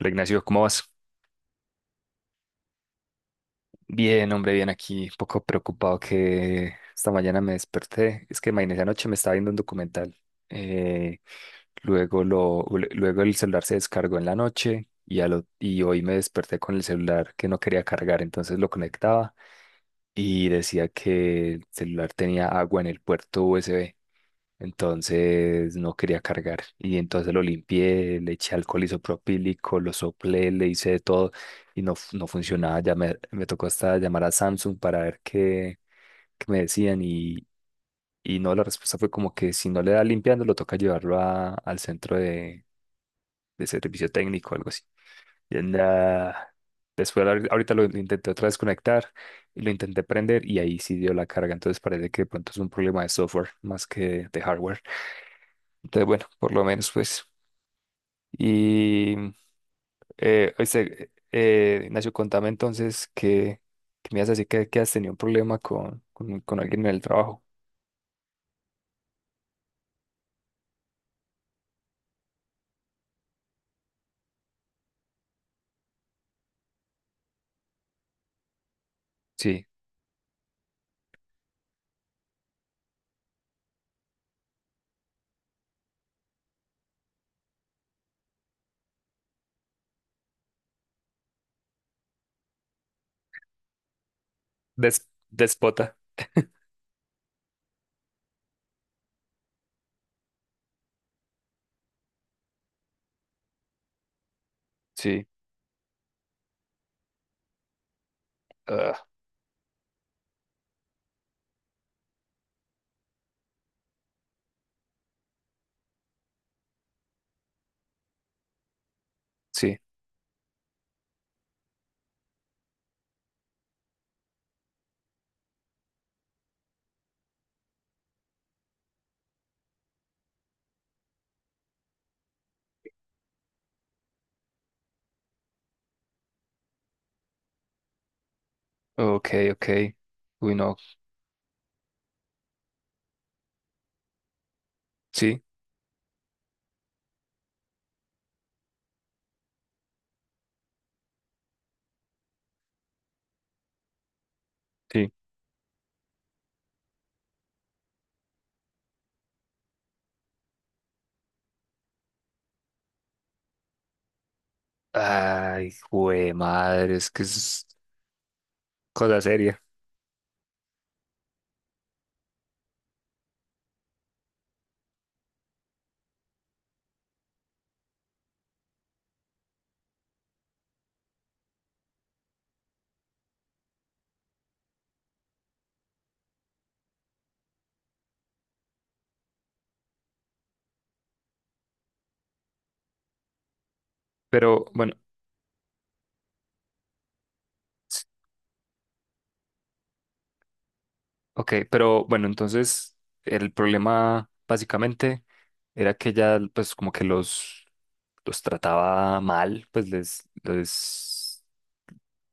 Hola, Ignacio, ¿cómo vas? Bien, hombre, bien aquí, un poco preocupado que esta mañana me desperté. Es que imagínese, anoche me estaba viendo un documental. eh, luego, lo, luego el celular se descargó en la noche y, a lo y hoy me desperté con el celular que no quería cargar, entonces lo conectaba y decía que el celular tenía agua en el puerto USB. Entonces no quería cargar. Y entonces lo limpié, le eché alcohol isopropílico, lo soplé, le hice de todo y no, no funcionaba. Me tocó hasta llamar a Samsung para ver qué me decían. Y no, la respuesta fue como que si no le da limpiando, lo toca llevarlo al centro de servicio técnico o algo así. Y nada. Después ahorita lo intenté otra vez conectar y lo intenté prender y ahí sí dio la carga. Entonces parece que de pronto es un problema de software más que de hardware. Entonces, bueno, por lo menos pues. Y oíste, Ignacio, contame entonces que me has así que has tenido un problema con alguien en el trabajo. Sí, despota. Sí, ah, sí, ok, ok. Uy, no, sí, sí. Ay, güey, madre, es que es cosa seria. Pero bueno, s- ok, pero bueno, entonces el problema básicamente era que ya pues como que los trataba mal, pues les...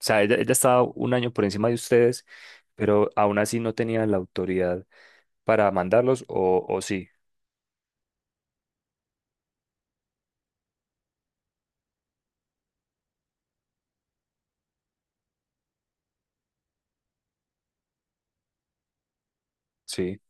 O sea, ella estaba un año por encima de ustedes, pero aún así no tenía la autoridad para mandarlos, o sí, sí,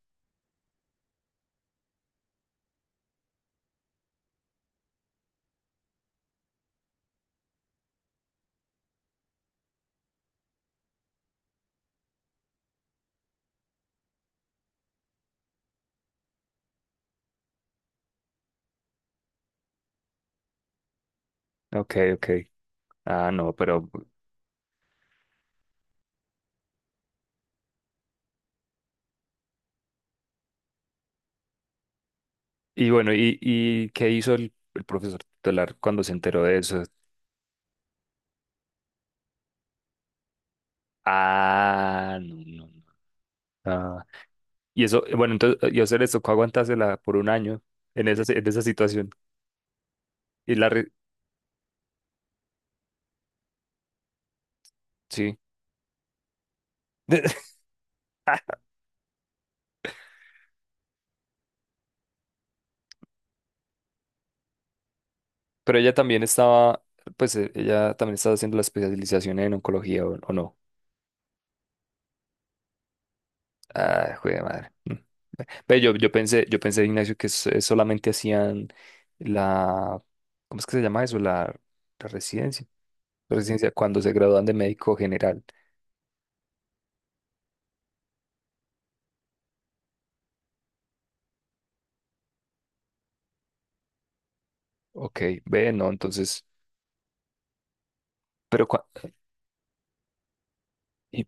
ok, ok. Ah, no, pero... Y bueno, ¿ y qué hizo el profesor tutelar cuando se enteró de eso? Ah, no, no, no. Ah, y eso, bueno, entonces, y a ustedes les tocó aguantársela por un año en esa, en esa situación. Y la... re- Sí. Pero ella también estaba, pues ella también estaba haciendo la especialización en oncología o no. Ah, jue de madre. Mm. Ve, yo pensé, Ignacio, que solamente hacían la, ¿cómo es que se llama eso? La residencia. La residencia cuando se gradúan de médico general. Ok, ve, no, entonces, pero cua- y-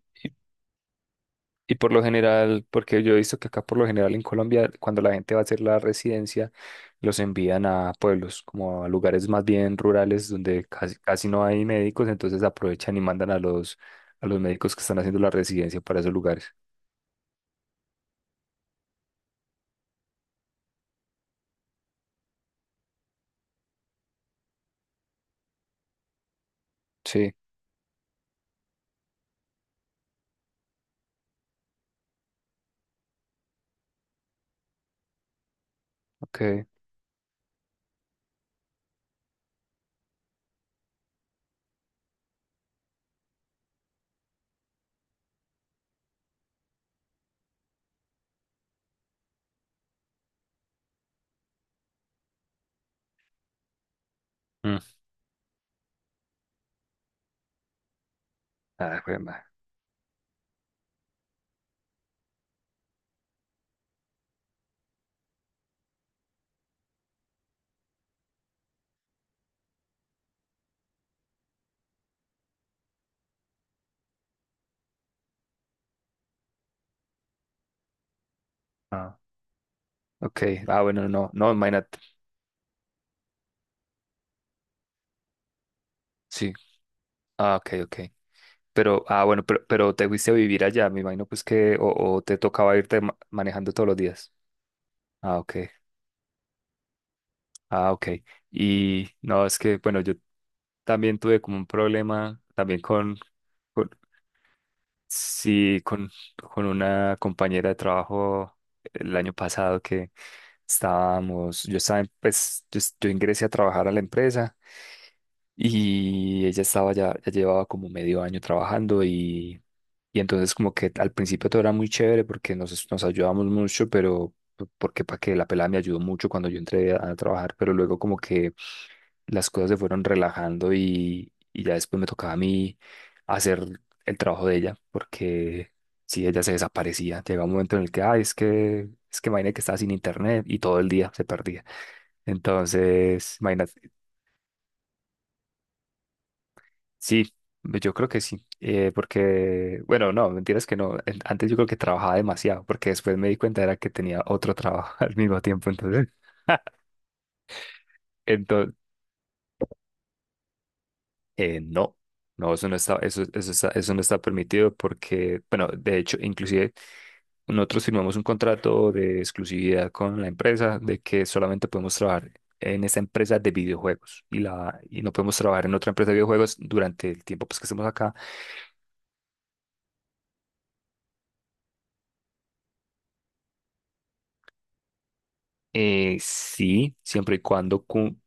Y por lo general, porque yo he visto que acá por lo general en Colombia, cuando la gente va a hacer la residencia, los envían a pueblos, como a lugares más bien rurales donde casi, casi no hay médicos, entonces aprovechan y mandan a a los médicos que están haciendo la residencia para esos lugares. Sí, ok. Mm. Ah, jue madre. Ah, ok. Ah, bueno, no, no, imagínate. Sí. Ah, ok, ok. Pero, ah, bueno, pero te fuiste a vivir allá, me imagino pues o te tocaba irte manejando todos los días. Ah, ok. Ah, ok. Y no, es que, bueno, yo también tuve como un problema también con, Sí, con una compañera de trabajo el año pasado que yo estaba, yo ingresé a trabajar a la empresa y ella estaba ya, ya llevaba como medio año trabajando y entonces como que al principio todo era muy chévere porque nos ayudamos mucho, pero porque para que la pelada me ayudó mucho cuando yo entré a trabajar, pero luego como que las cosas se fueron relajando y ya después me tocaba a mí hacer el trabajo de ella, porque si ella se desaparecía, llegaba un momento en el que, ah, es que imagínate que estaba sin internet y todo el día se perdía. Entonces, imagínate, sí, yo creo que sí, porque, bueno, no, mentiras que no, en- antes yo creo que trabajaba demasiado, porque después me di cuenta era que tenía otro trabajo al mismo tiempo, entonces... no, no, eso no está, eso no está permitido porque, bueno, de hecho, inclusive nosotros firmamos un contrato de exclusividad con la empresa de que solamente podemos trabajar en esa empresa de videojuegos y no podemos trabajar en otra empresa de videojuegos durante el tiempo pues, que estemos acá. Sí, siempre y cuando cumpla.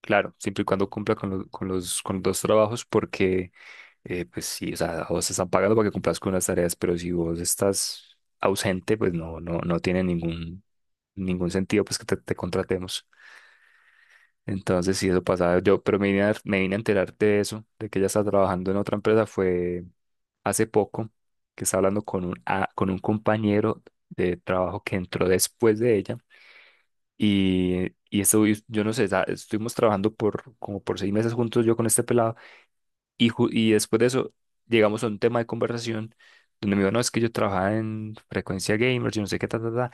Claro, siempre y cuando cumpla con, con los dos trabajos, porque pues sí, o sea, a vos te están pagando para que cumplas con las tareas, pero si vos estás ausente, pues no, no, no tiene ningún, ningún sentido pues que te contratemos. Entonces, sí, eso pasaba yo, pero me vine me vine a enterar de eso, de que ella está trabajando en otra empresa, fue hace poco que estaba hablando con un, con un compañero de trabajo que entró después de ella y esto, y yo no sé, estuvimos trabajando por como por 6 meses juntos yo con este pelado y después de eso llegamos a un tema de conversación donde me dijo, no, es que yo trabajaba en Frecuencia Gamers, yo no sé qué, ta, ta, ta,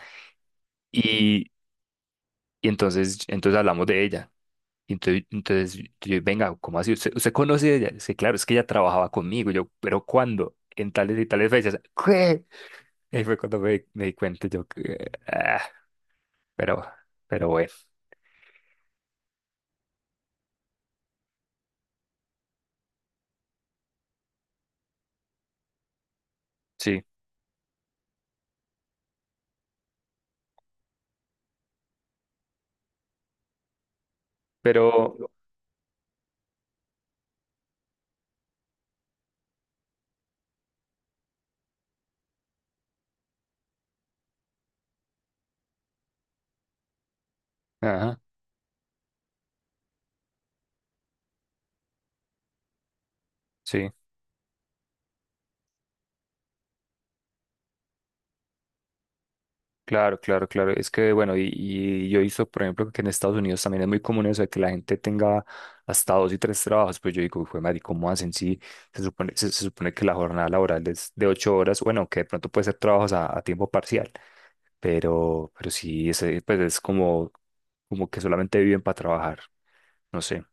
y, entonces hablamos de ella. Y entonces, entonces yo, venga, ¿cómo así? Usted conoce a ella? Es que claro, es que ella trabajaba conmigo. Y yo, pero ¿cuándo? En tales y tales fechas. ¿Qué? Y ahí fue cuando me di cuenta yo que, ah, pero, pero bueno, sí, pero, ajá. Sí. Claro, claro, claro. Es que, bueno, y yo he visto, por ejemplo, que en Estados Unidos también es muy común eso de que la gente tenga hasta dos y tres trabajos. Pues yo digo, fue madre, ¿cómo hacen? Sí, se supone que la jornada laboral es de 8 horas, bueno, que de pronto puede ser trabajos a tiempo parcial, pero sí, ese, pues es como, como que solamente viven para trabajar. No sé.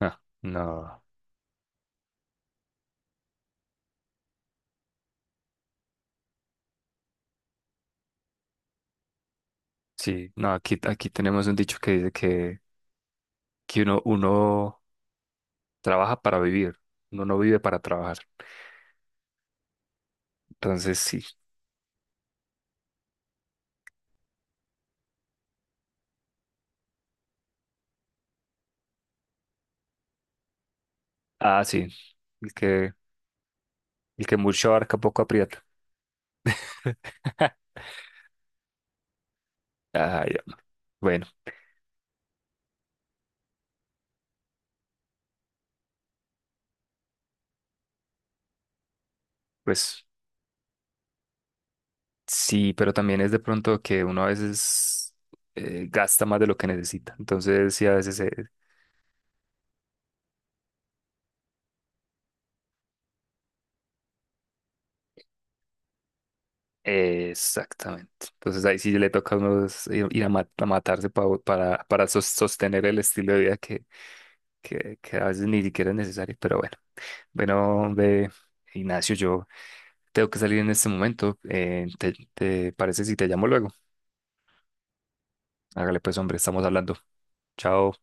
Ah, no. Sí, no, aquí, aquí tenemos un dicho que dice que uno trabaja para vivir, uno no vive para trabajar. Entonces sí. Ah, sí. El que, el que mucho abarca poco aprieta. Ay, hombre. Bueno, pues sí, pero también es de pronto que uno a veces gasta más de lo que necesita. Entonces sí, a veces se, Exactamente. Entonces ahí sí le toca a uno es ir ir a matarse para sostener el estilo de vida que a veces ni siquiera es necesario. Pero bueno, bueno, ve, Ignacio, yo tengo que salir en este momento. ¿Te, te parece si te llamo luego? Hágale pues, hombre, estamos hablando. Chao.